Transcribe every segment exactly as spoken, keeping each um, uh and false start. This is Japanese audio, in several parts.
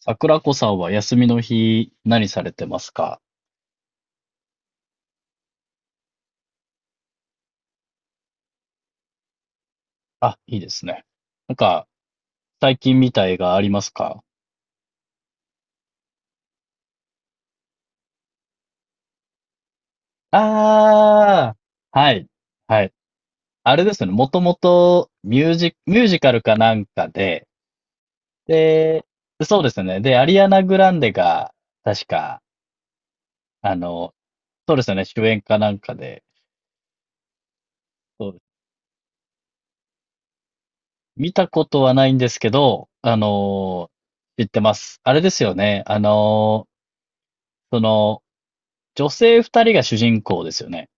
桜子さんは休みの日何されてますか？あ、いいですね。なんか、最近見たいがありますか？ああー、はい、はい。あれですね、もともとミュージ、ミュージカルかなんかで、で、そうですね。で、アリアナ・グランデが、確か、あの、そうですね、主演かなんかで、そうです。見たことはないんですけど、あの、知ってます。あれですよね、あの、その、じょせいふたりが主人公ですよね。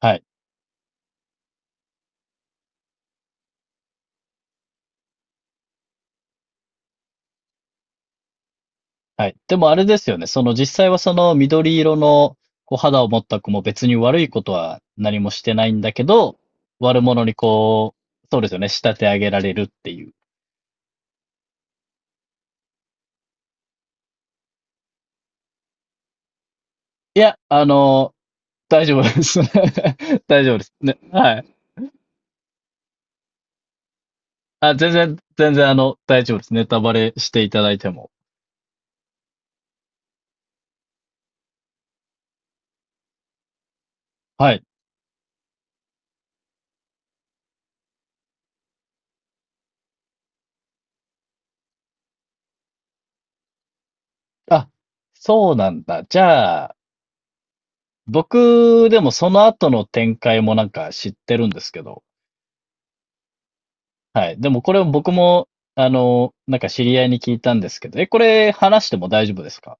はい。はい。でもあれですよね。その実際はその緑色のこう肌を持った子も別に悪いことは何もしてないんだけど、悪者にこう、そうですよね。仕立て上げられるっていう。いや、あの、大丈夫です。大丈夫です。ね。はい。あ、全然、全然あの、大丈夫です。ネタバレしていただいても。はい。あ、そうなんだ。じゃあ、僕でもその後の展開もなんか知ってるんですけど。はい。でもこれ僕も、あの、なんか知り合いに聞いたんですけど、え、これ話しても大丈夫ですか？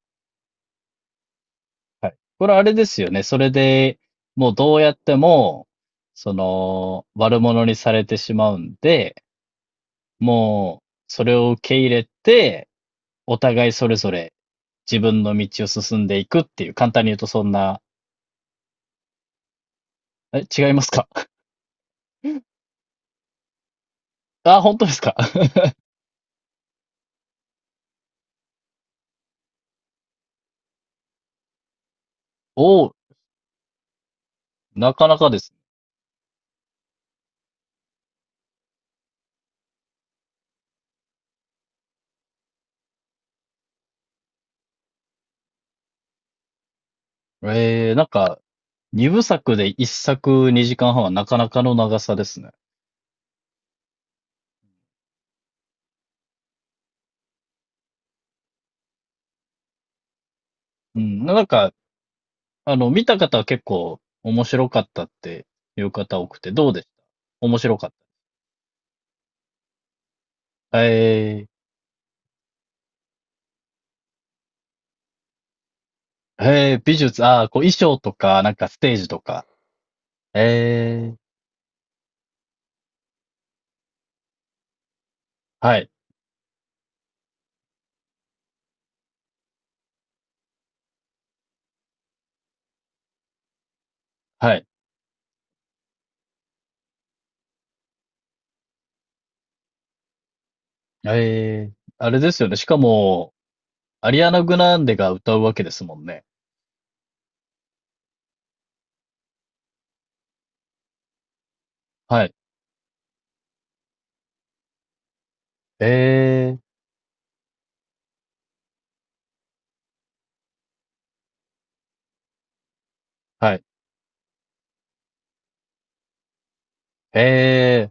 はい。これあれですよね。それで、もうどうやっても、その、悪者にされてしまうんで、もう、それを受け入れて、お互いそれぞれ自分の道を進んでいくっていう、簡単に言うとそんな、え、違いますか？ あ、本当ですか？ おお、なかなかですね。えー、なんか、にぶさくで一作にじかんはんはんはなかなかの長さですね。うん。なんか、あの、見た方は結構面白かったっていう方多くて、どうでした？面白かった。えー、えー、美術、ああ、こう衣装とか、なんかステージとか。えー、はい、はい。えー、あれですよね。しかも、アリアナ・グランデが歌うわけですもんね。はい。えー、はい。えー、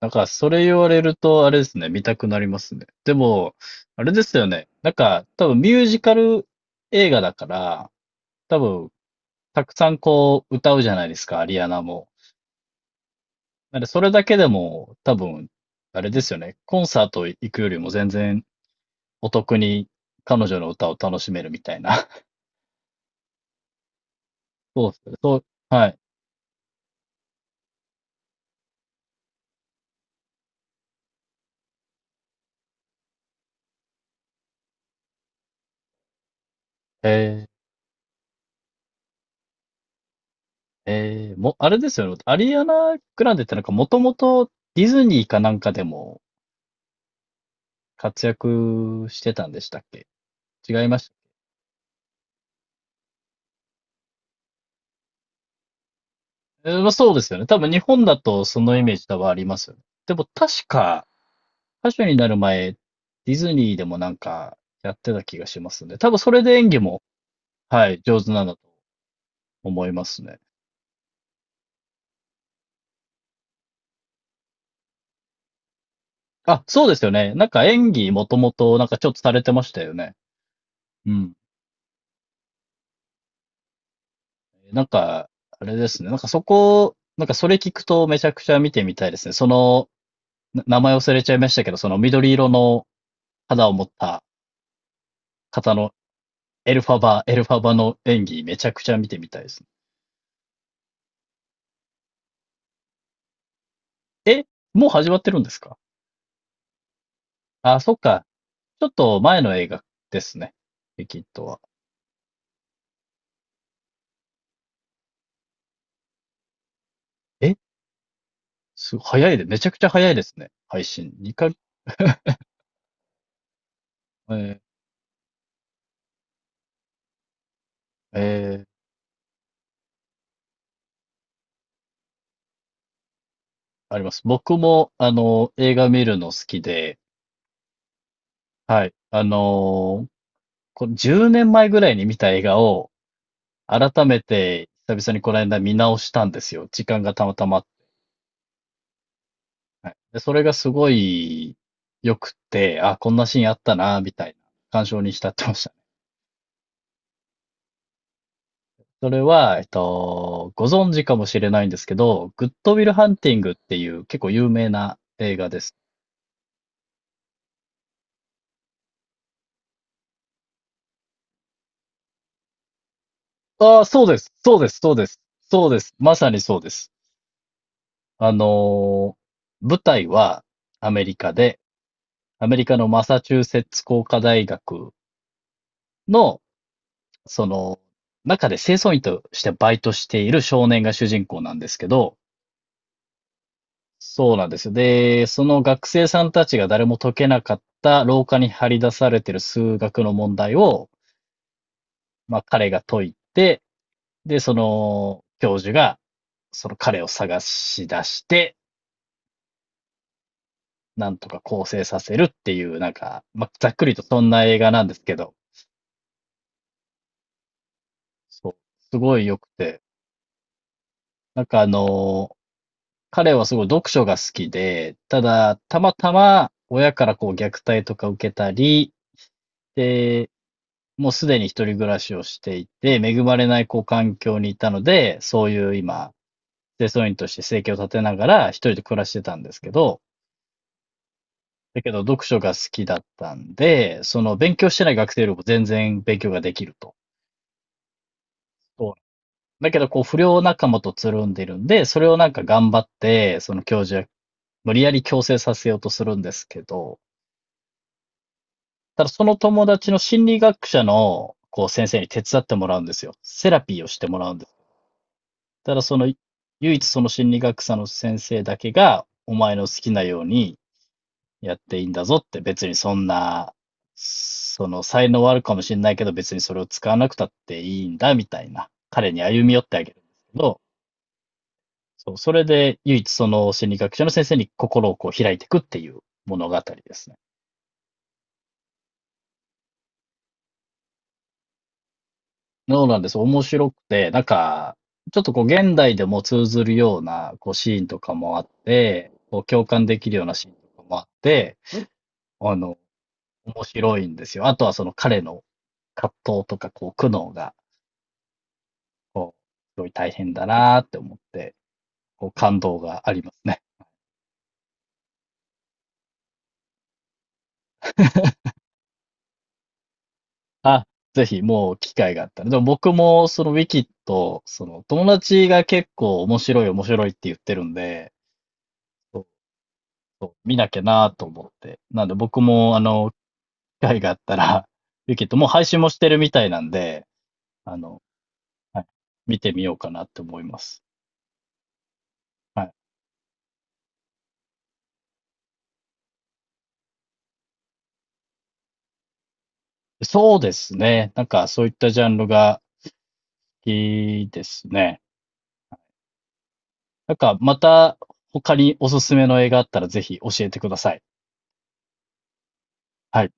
なんか、それ言われると、あれですね、見たくなりますね。でも、あれですよね。なんか、多分ミュージカル映画だから、多分、たくさんこう歌うじゃないですか、アリアナも。なんでそれだけでも多分、あれですよね、コンサート行くよりも全然お得に彼女の歌を楽しめるみたいな。そうですね、そう、はい。えー、えー、も、あれですよね、アリアナ・グランデってなんかもともとディズニーかなんかでも活躍してたんでしたっけ？違いました。えー、まあそうですよね。多分日本だとそのイメージ多分ありますよね。でも確か、歌手になる前、ディズニーでもなんかやってた気がしますね。多分それで演技も、はい、上手なんだと思いますね。あ、そうですよね。なんか演技もともとなんかちょっとされてましたよね。うん。なんか、あれですね。なんかそこ、なんかそれ聞くとめちゃくちゃ見てみたいですね。その、な名前忘れちゃいましたけど、その緑色の肌を持った方のエルファバ、エルファバの演技めちゃくちゃ見てみたいですね。え、もう始まってるんですか？あ、そっか。ちょっと前の映画ですね。リキッドは。えすい、早いで、めちゃくちゃ早いですね。配信。にかげつ、えーえーあります。僕も、あの、映画見るの好きで、あの、こじゅうねんまえぐらいに見た映画を、改めて、久々にこの間見直したんですよ。時間がたまたま。はい。で、それがすごい良くて、あ、こんなシーンあったな、みたいな、感傷に浸ってました。それは、えっと、ご存知かもしれないんですけど、グッドウィルハンティングっていう結構有名な映画です。ああ、そうです。そうです。そうです。そうです。まさにそうです。あのー舞台はアメリカで、アメリカのマサチューセッツ工科大学の、その、中で清掃員としてバイトしている少年が主人公なんですけど、そうなんですよ。で、その学生さんたちが誰も解けなかった廊下に張り出されている数学の問題を、まあ彼が解いて、で、その教授がその彼を探し出して、なんとか構成させるっていう、なんか、まあ、ざっくりとそんな映画なんですけど、そう、すごい良くて、なんかあの、彼はすごい読書が好きで、ただ、たまたま親からこう虐待とか受けたり、で、もうすでに一人暮らしをしていて、恵まれないこう環境にいたので、そういう今、清掃員として生計を立てながら一人で暮らしてたんですけど、だけど、読書が好きだったんで、その勉強してない学生よりも全然勉強ができると。そうだけど、こう、不良仲間とつるんでるんで、それをなんか頑張って、その教授は無理やり強制させようとするんですけど、ただその友達の心理学者の、こう、先生に手伝ってもらうんですよ。セラピーをしてもらうんです。ただその、唯一その心理学者の先生だけが、お前の好きなようにやっていいんだぞって別にそんな、その才能はあるかもしれないけど別にそれを使わなくたっていいんだみたいな、彼に歩み寄ってあげるんですけど、そう、それで唯一その心理学者の先生に心をこう開いていくっていう物語ですね。そうなんです。面白くて、なんか、ちょっとこう現代でも通ずるようなこうシーンとかもあって、こう共感できるようなシーンとかもあって、あの、面白いんですよ。あとはその彼の葛藤とかこう苦悩がこう、すごい大変だなーって思って、こう、感動がありますね。あ、ぜひもう機会があったら。でも僕もそのウィキッド、その友達が結構面白い面白いって言ってるんで、そうそう見なきゃなーと思って。なんで僕もあの、機会があったら、ウィキッドもう配信もしてるみたいなんで、あの、はい、見てみようかなって思います。はい。そうですね。なんかそういったジャンルがいいですね。なんか、また他におすすめの映画あったらぜひ教えてください。はい。